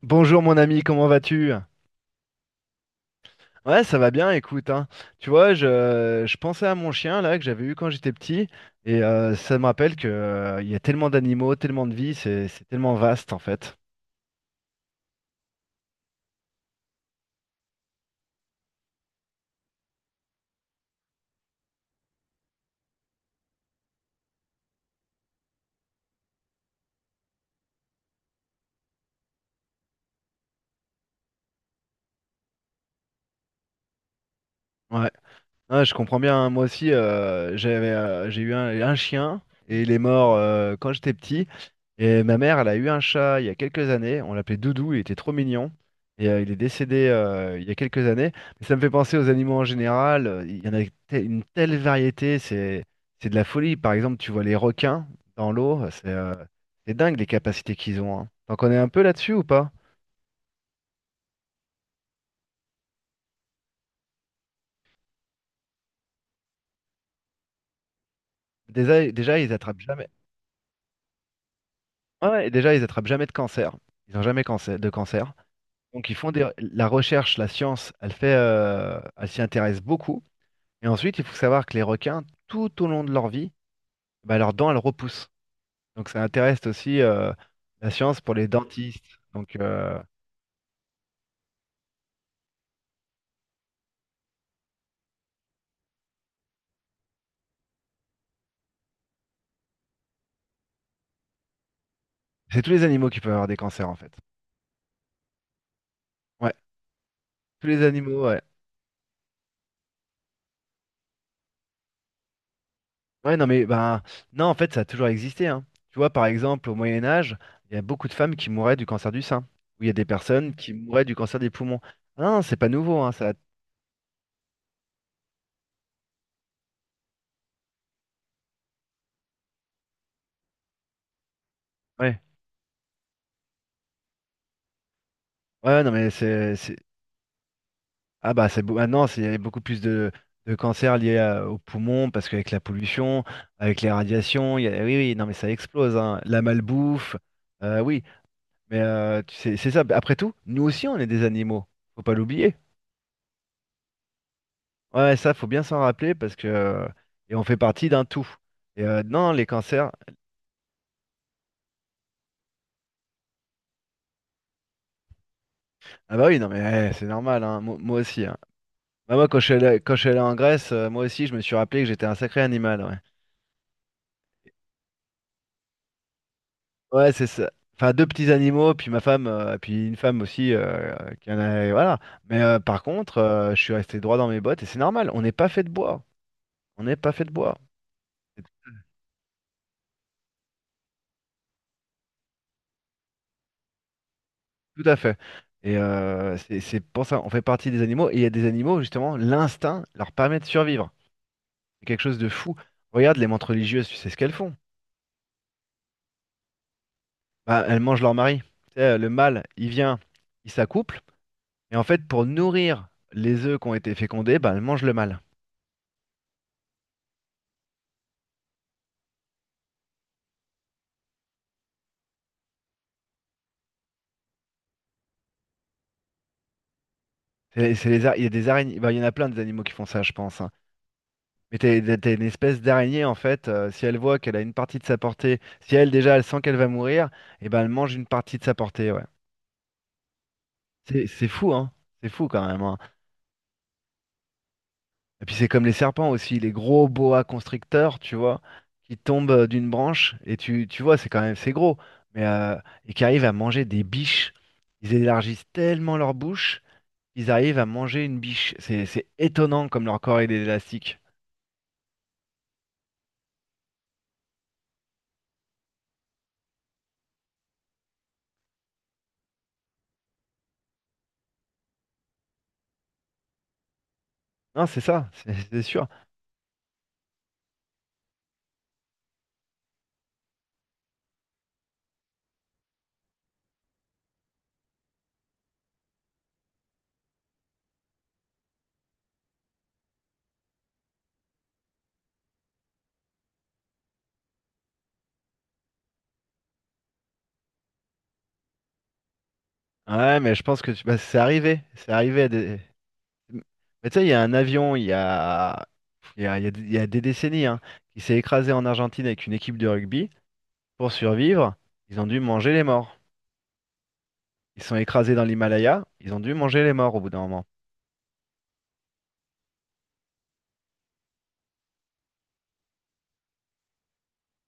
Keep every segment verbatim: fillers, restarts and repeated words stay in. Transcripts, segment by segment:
Bonjour mon ami, comment vas-tu? Ouais, ça va bien, écoute, hein. Tu vois, je, je pensais à mon chien là que j'avais eu quand j'étais petit et euh, ça me rappelle que euh, il y a tellement d'animaux, tellement de vie, c'est c'est tellement vaste en fait. Ouais. Ah, je comprends bien, hein. Moi aussi, euh, j'avais, euh, j'ai eu un, un chien et il est mort euh, quand j'étais petit. Et ma mère, elle a eu un chat il y a quelques années. On l'appelait Doudou, il était trop mignon. Et euh, il est décédé euh, il y a quelques années. Mais ça me fait penser aux animaux en général. euh, Il y en a te- une telle variété, c'est c'est de la folie. Par exemple, tu vois les requins dans l'eau, c'est euh, c'est dingue les capacités qu'ils ont, hein. T'en connais un peu là-dessus ou pas? Déjà, déjà, ils attrapent jamais. Ouais, et déjà, ils attrapent jamais de cancer. Ils n'ont jamais cancer, de cancer. Donc ils font des- la recherche, la science, elle fait, euh, elle s'y intéresse beaucoup. Et ensuite, il faut savoir que les requins, tout au long de leur vie, bah, leurs dents, elles repoussent. Donc ça intéresse aussi euh, la science pour les dentistes. Donc euh, c'est tous les animaux qui peuvent avoir des cancers en fait. Ouais, tous les animaux. Ouais. Ouais, non mais ben non, en fait, ça a toujours existé, hein. Tu vois, par exemple, au Moyen Âge, il y a beaucoup de femmes qui mouraient du cancer du sein. Ou il y a des personnes qui mouraient du cancer des poumons. Ah non, c'est pas nouveau, hein, ça. Ouais. Ouais, non mais c'est c'est- Ah bah c'est beau- maintenant c'est- il y a beaucoup plus de, de cancers liés à- aux poumons parce qu'avec la pollution, avec les radiations, il y a- oui oui non mais ça explose hein. La malbouffe, euh, oui mais euh, tu sais, c'est ça. Bah, après tout, nous aussi on est des animaux, faut pas l'oublier. Ouais ouais, ça faut bien s'en rappeler parce que euh, et on fait partie d'un tout. Et euh, non les cancers, ah bah oui non mais eh, c'est normal hein. Moi, moi aussi, hein. Bah, moi quand je suis allé, quand je suis allé en Grèce, euh, moi aussi je me suis rappelé que j'étais un sacré animal, ouais. Ouais, c'est ça. Enfin, deux petits animaux, puis ma femme, euh, puis une femme aussi, euh, qui en a, voilà. Mais euh, par contre, euh, je suis resté droit dans mes bottes et c'est normal. On n'est pas fait de bois. On n'est pas fait de bois. C'est Tout à fait. Et euh, c'est c'est pour ça, on fait partie des animaux. Et il y a des animaux, justement, l'instinct leur permet de survivre. C'est quelque chose de fou. Regarde les mantes religieuses, tu sais ce qu'elles font. Bah, elles mangent leur mari. Tu sais, le mâle, il vient, il s'accouple. Et en fait, pour nourrir les œufs qui ont été fécondés, bah, elles mangent le mâle. C'est- c'est les ar- Il y a des araignées, bah, il y en a plein des animaux qui font ça, je pense, hein. Mais t'as t'as- t'as une espèce d'araignée, en fait, euh, si elle voit qu'elle a une partie de sa portée, si elle déjà elle sent qu'elle va mourir, et ben elle mange une partie de sa portée, ouais. C'est c'est fou, hein. C'est fou quand même, hein. Et puis c'est comme les serpents aussi, les gros boa constricteurs, tu vois, qui tombent euh, d'une branche, et tu, tu vois, c'est quand même c'est gros, mais euh, et qui arrivent à manger des biches. Ils élargissent tellement leur bouche, ils arrivent à manger une biche. C'est c'est étonnant comme leur corps il est élastique. Non, c'est ça, c'est c'est sûr. Ouais, mais je pense que tu- bah, c'est arrivé. C'est arrivé à des. Mais tu sais, il y a un avion, il y a, il y a, il y a des il y a des décennies, hein, qui s'est écrasé en Argentine avec une équipe de rugby. Pour survivre, ils ont dû manger les morts. Ils sont écrasés dans l'Himalaya, ils ont dû manger les morts au bout d'un moment.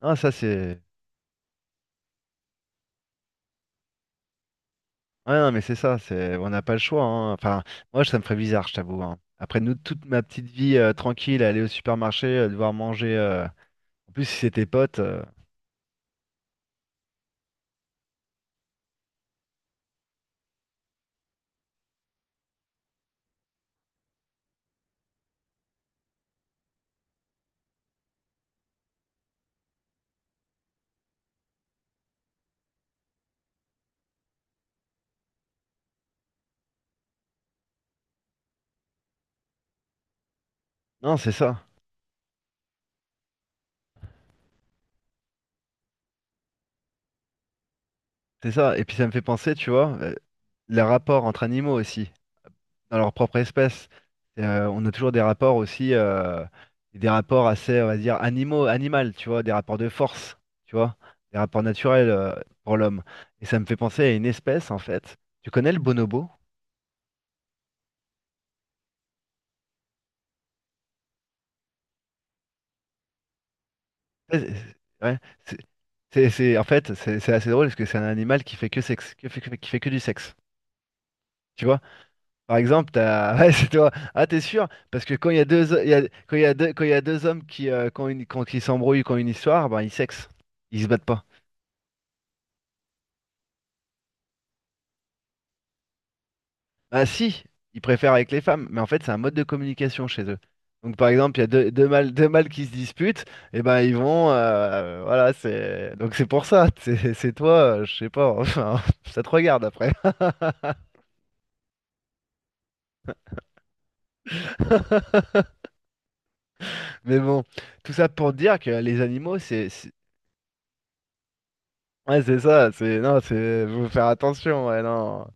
Ah, ça, c'est. Ouais, non, mais c'est ça, c'est on n'a pas le choix, hein. Enfin, moi, ça me ferait bizarre, je t'avoue, hein. Après, nous, toute ma petite vie euh, tranquille, aller au supermarché, euh, devoir manger, euh, en plus, si c'était potes, euh, non, c'est ça. C'est ça. Et puis ça me fait penser, tu vois, euh, les rapports entre animaux aussi, dans leur propre espèce. Euh, on a toujours des rapports aussi, euh, des rapports assez, on va dire, animaux, animal, tu vois, des rapports de force, tu vois, des rapports naturels, euh, pour l'homme. Et ça me fait penser à une espèce, en fait. Tu connais le bonobo? Ouais, c'est, ouais, c'est- c'est- c'est- en fait, c'est c'est assez drôle parce que c'est un animal qui fait que sexe, qui fait, que, fait- qui fait que du sexe, tu vois. Par exemple, t'as ouais, c'est toi. Ah, t'es sûr? Parce que quand il y a deux, il y a- quand il y a deux, quand il y a deux hommes qui, euh, qui ont une- quand- qui s'embrouillent, qui ont une histoire, ben, ils sexent. Ils se battent pas. Ah si, ils préfèrent avec les femmes. Mais en fait, c'est un mode de communication chez eux. Donc par exemple, il y a deux, deux mâles, deux mâles qui se disputent, et ben ils vont, euh, voilà, c'est donc c'est pour ça. C'est c'est toi, euh, je sais pas. Enfin, ça te regarde après. Mais bon, tout ça pour dire que les animaux, c'est ouais, c'est ça, c'est non, c'est faut faire attention, ouais, non.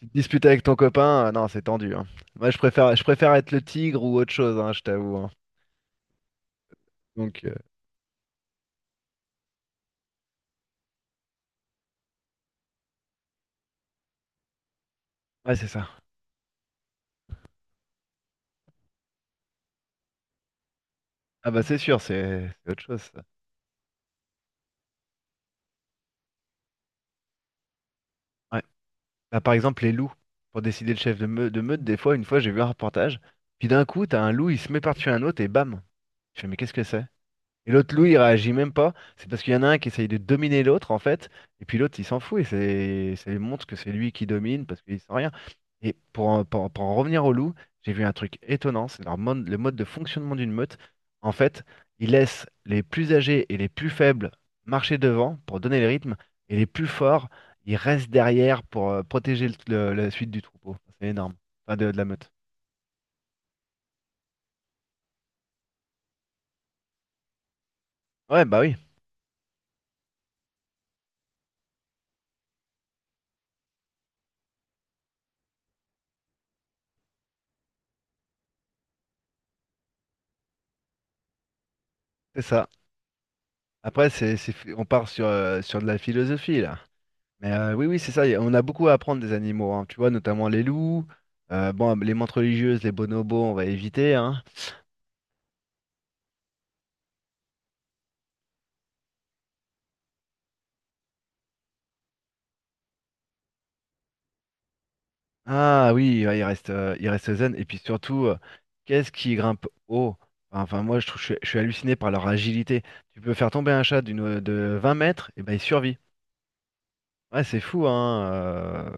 Tu te disputes avec ton copain, euh, non, c'est tendu, hein. Moi, je préfère je préfère être le tigre ou autre chose, hein, je t'avoue, hein. Donc euh, ouais, c'est ça. Ah bah c'est sûr, c'est c'est autre chose ça. Ouais. Bah, par exemple les loups pour décider le chef de, meu- de meute, des fois, une fois, j'ai vu un reportage, puis d'un coup, t'as un loup, il se met par-dessus un autre et bam. Je fais mais qu'est-ce que c'est? Et l'autre loup, il réagit même pas. C'est parce qu'il y en a un qui essaye de dominer l'autre, en fait. Et puis l'autre, il s'en fout. Et c'est ça lui montre que c'est lui qui domine parce qu'il sent rien. Et pour en, pour en- pour en revenir au loup, j'ai vu un truc étonnant. C'est leur mode- le mode de fonctionnement d'une meute. En fait, ils laissent les plus âgés et les plus faibles marcher devant pour donner le rythme. Et les plus forts, ils restent derrière pour euh, protéger le- le- la suite du troupeau. C'est énorme. Enfin, de de la meute. Ouais, bah oui, c'est ça. Après, c'est, c'est- on part sur, euh, sur de la philosophie, là. Mais euh, oui, oui, c'est ça. y a- On a beaucoup à apprendre des animaux, hein, tu vois, notamment les loups. Euh, bon, les mantes religieuses, les bonobos, on va éviter, hein. Ah oui, ouais, il reste, euh, il reste zen. Et puis surtout, euh, qu'est-ce qui grimpe haut? Enfin, moi, je trouve, je suis, je suis halluciné par leur agilité. Tu peux faire tomber un chat d'une, de vingt mètres, et ben il survit. Ouais, c'est fou, hein. euh,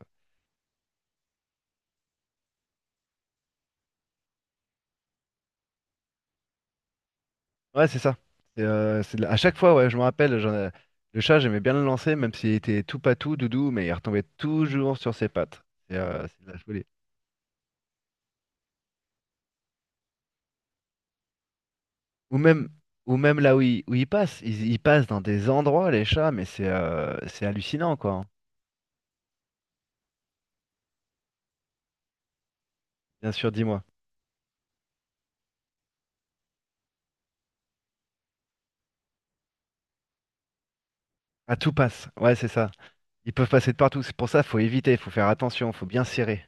Ouais, c'est ça. C'est, euh, c'est de la- À chaque fois, ouais, je me rappelle, j'en ai- le chat, j'aimais bien le lancer, même s'il était tout patou, doudou, mais il retombait toujours sur ses pattes. C'est euh, c'est de la folie. Ou même, ou même là où ils, où ils passent. Ils, ils passent dans des endroits, les chats, mais c'est euh, c'est hallucinant, quoi, hein. Bien sûr, dis-moi. À tout passe. Ouais, c'est ça. Ils peuvent passer de partout. C'est pour ça, faut éviter, faut faire attention, faut bien serrer.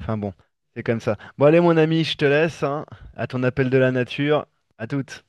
Enfin bon, c'est comme ça. Bon, allez, mon ami, je te laisse, hein, à ton appel de la nature. À toutes.